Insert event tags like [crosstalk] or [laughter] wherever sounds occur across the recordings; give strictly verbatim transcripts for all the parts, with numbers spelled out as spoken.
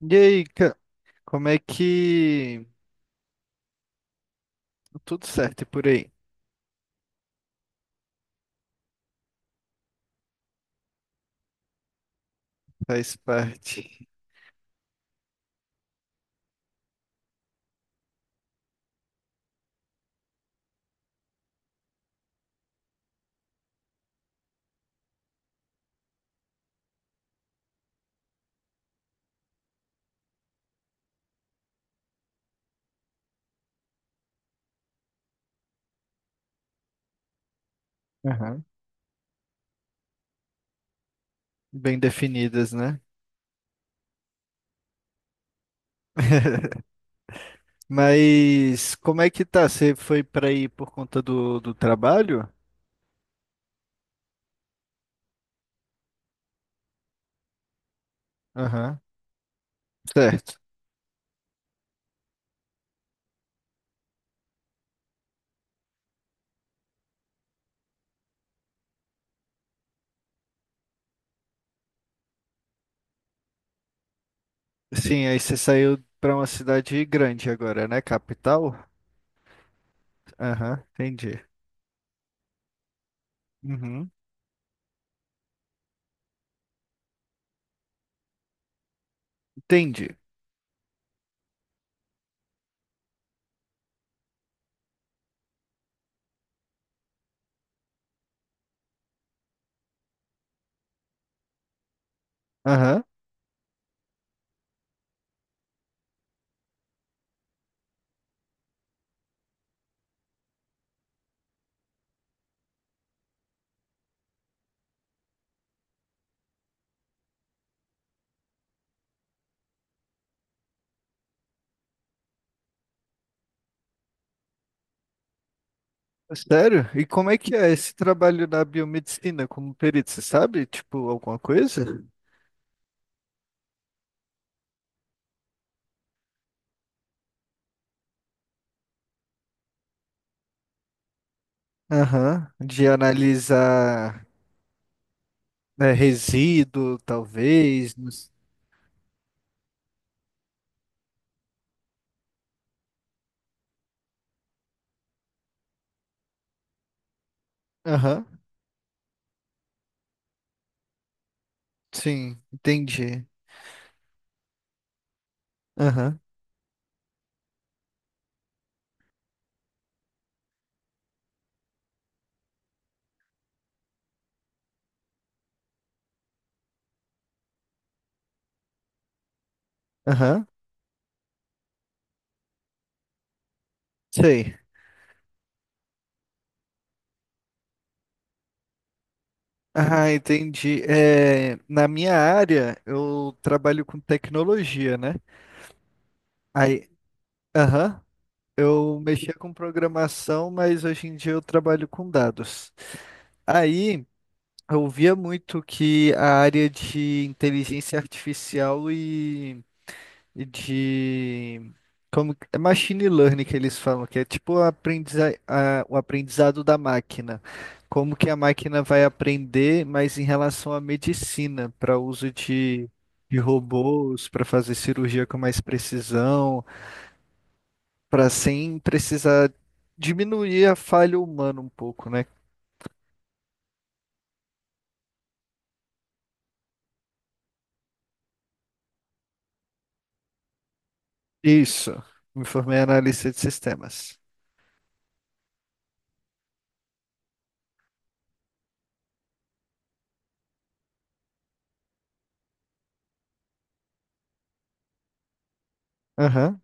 E aí, ca- como é que tudo certo por aí? Faz parte. Aham. Bem definidas, né? [laughs] Mas como é que tá? Você foi para aí por conta do, do trabalho? Aham, certo. Sim, aí você saiu para uma cidade grande agora, né? Capital? Aham, entendi. Uhum, entendi. Aham. Sério? E como é que é esse trabalho na biomedicina como perito? Você sabe, tipo, alguma coisa? Aham, de analisar, né, resíduo, talvez. nos- Aham, sim, entendi. Aham, aham, sei. Ah, entendi. É, na minha área, eu trabalho com tecnologia, né? Aí, aham, eu mexia com programação, mas hoje em dia eu trabalho com dados. Aí, eu via muito que a área de inteligência artificial e e de como que- é machine learning que eles falam, que é tipo a aprendiza- a- o aprendizado da máquina. Como que a máquina vai aprender, mas em relação à medicina, para uso de, de robôs, para fazer cirurgia com mais precisão, para sem precisar diminuir a falha humana um pouco, né? Isso. Me formei em analista de sistemas. Aham.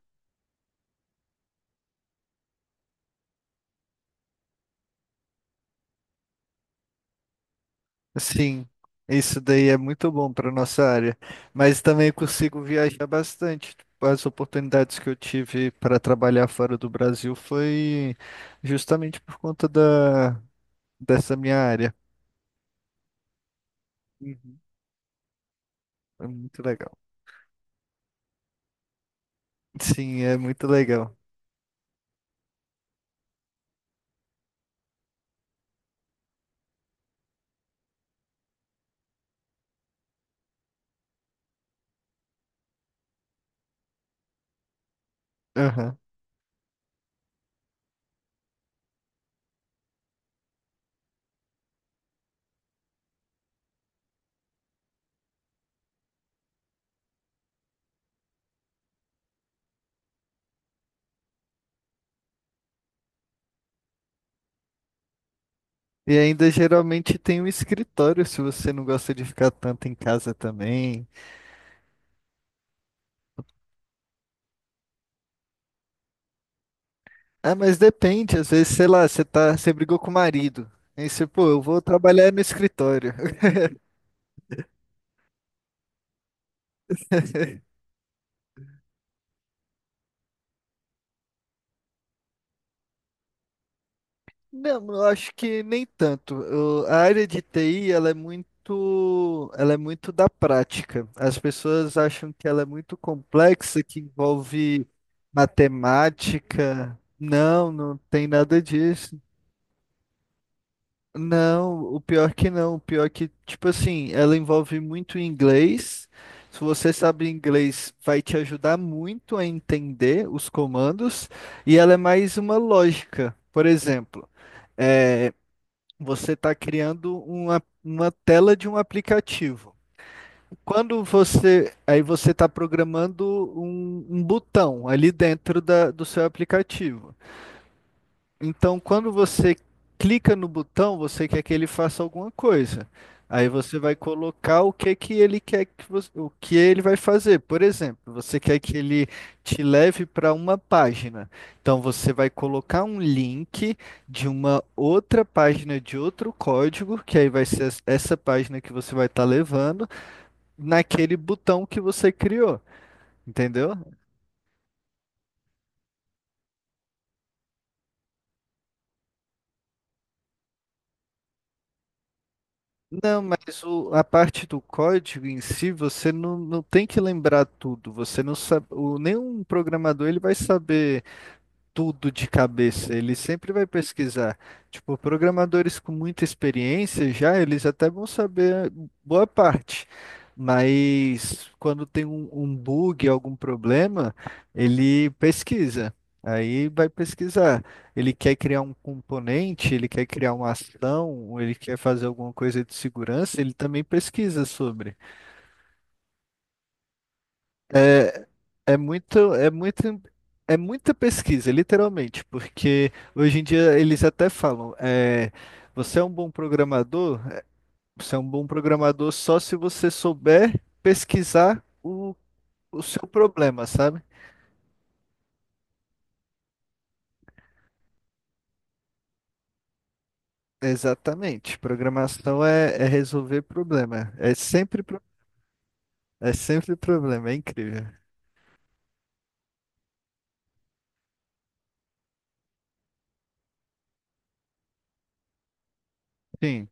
Sim, isso daí é muito bom para nossa área, mas também eu consigo viajar bastante. Tipo, as oportunidades que eu tive para trabalhar fora do Brasil foi justamente por conta da, dessa minha área. Uhum. É muito legal. Sim, é muito legal. Aham. E ainda geralmente tem um escritório se você não gosta de ficar tanto em casa também. Ah, mas depende, às vezes, sei lá, você tá, você brigou com o marido. Aí você, pô, eu vou trabalhar no escritório. [laughs] Não, eu acho que nem tanto. Eu- a área de T I, ela é muito, ela é muito da prática. As pessoas acham que ela é muito complexa, que envolve matemática. Não, não tem nada disso. Não, o pior que não. O pior que, tipo assim, ela envolve muito inglês. Se você sabe inglês, vai te ajudar muito a entender os comandos. E ela é mais uma lógica. Por exemplo, é, você está criando uma, uma tela de um aplicativo. Quando você, aí você está programando um, um botão ali dentro da- do seu aplicativo. Então, quando você clica no botão, você quer que ele faça alguma coisa. Aí você vai colocar o que que ele quer que você, o que ele vai fazer. Por exemplo, você quer que ele te leve para uma página. Então você vai colocar um link de uma outra página de outro código, que aí vai ser es- essa página que você vai estar levando, naquele botão que você criou. Entendeu? Não, mas o- a parte do código em si, você não, não tem que lembrar tudo. Você não sabe, o, nenhum programador ele vai saber tudo de cabeça, ele sempre vai pesquisar. Tipo, programadores com muita experiência já, eles até vão saber boa parte. Mas quando tem um, um bug, algum problema, ele pesquisa. Aí vai pesquisar. Ele quer criar um componente, ele quer criar uma ação, ou ele quer fazer alguma coisa de segurança, ele também pesquisa sobre. É, É muito, é muito, é muita pesquisa, literalmente, porque hoje em dia eles até falam, é, você é um bom programador, é, você é um bom programador só se você souber pesquisar o, o seu problema, sabe? Exatamente. Programação é, é resolver problema. É sempre, pro- é sempre problema, é incrível. Sim,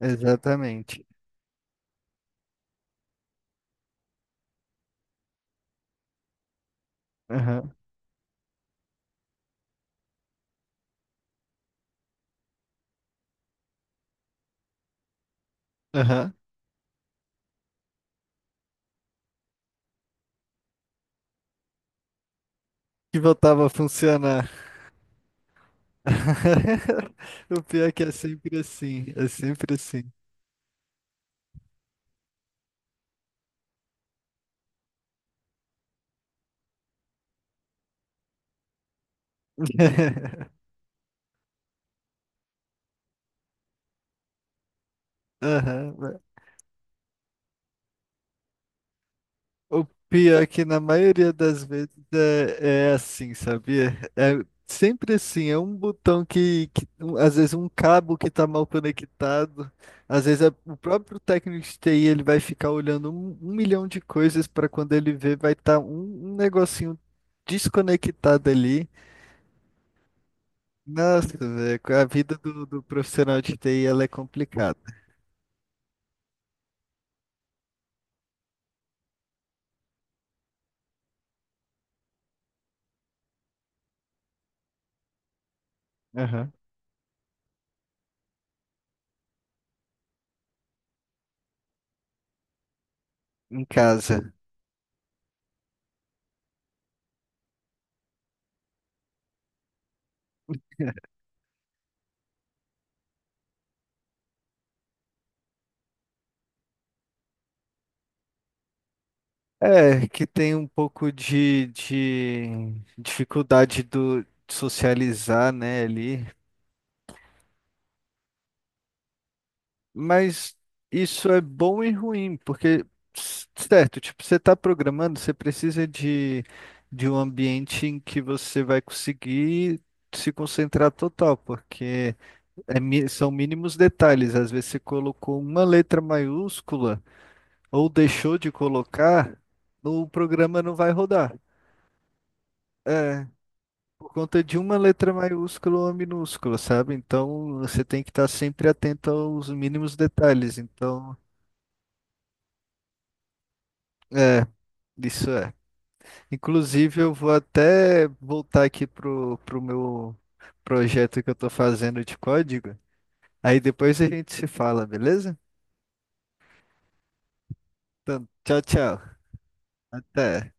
exatamente. Aham, aham. Que voltava a funcionar. [laughs] O pior é que é sempre assim, é sempre assim. [laughs] Aham, né? O pior é que na maioria das vezes é, é assim, sabia? É é sempre assim, é um botão que, que- um- às vezes um cabo que tá mal conectado, às vezes é- o próprio técnico de T I ele vai ficar olhando um, um milhão de coisas para quando ele vê vai estar um, um negocinho desconectado ali. Nossa, velho, a vida do, do profissional de T I ela é complicada. Aham. Em casa. É, que tem um pouco de, de dificuldade do, de socializar, né, ali. Mas isso é bom e ruim, porque, s- certo, tipo, você está programando, você precisa de, de um ambiente em que você vai conseguir se concentrar total, porque é mi- são mínimos detalhes. Às vezes você colocou uma letra maiúscula ou deixou de colocar, o programa não vai rodar. É, por conta de uma letra maiúscula ou minúscula, sabe? Então você tem que estar sempre atento aos mínimos detalhes. Então, é, isso é. Inclusive, eu vou até voltar aqui pro, pro meu projeto que eu tô fazendo de código. Aí depois a gente se fala, beleza? Então, tchau, tchau. Até.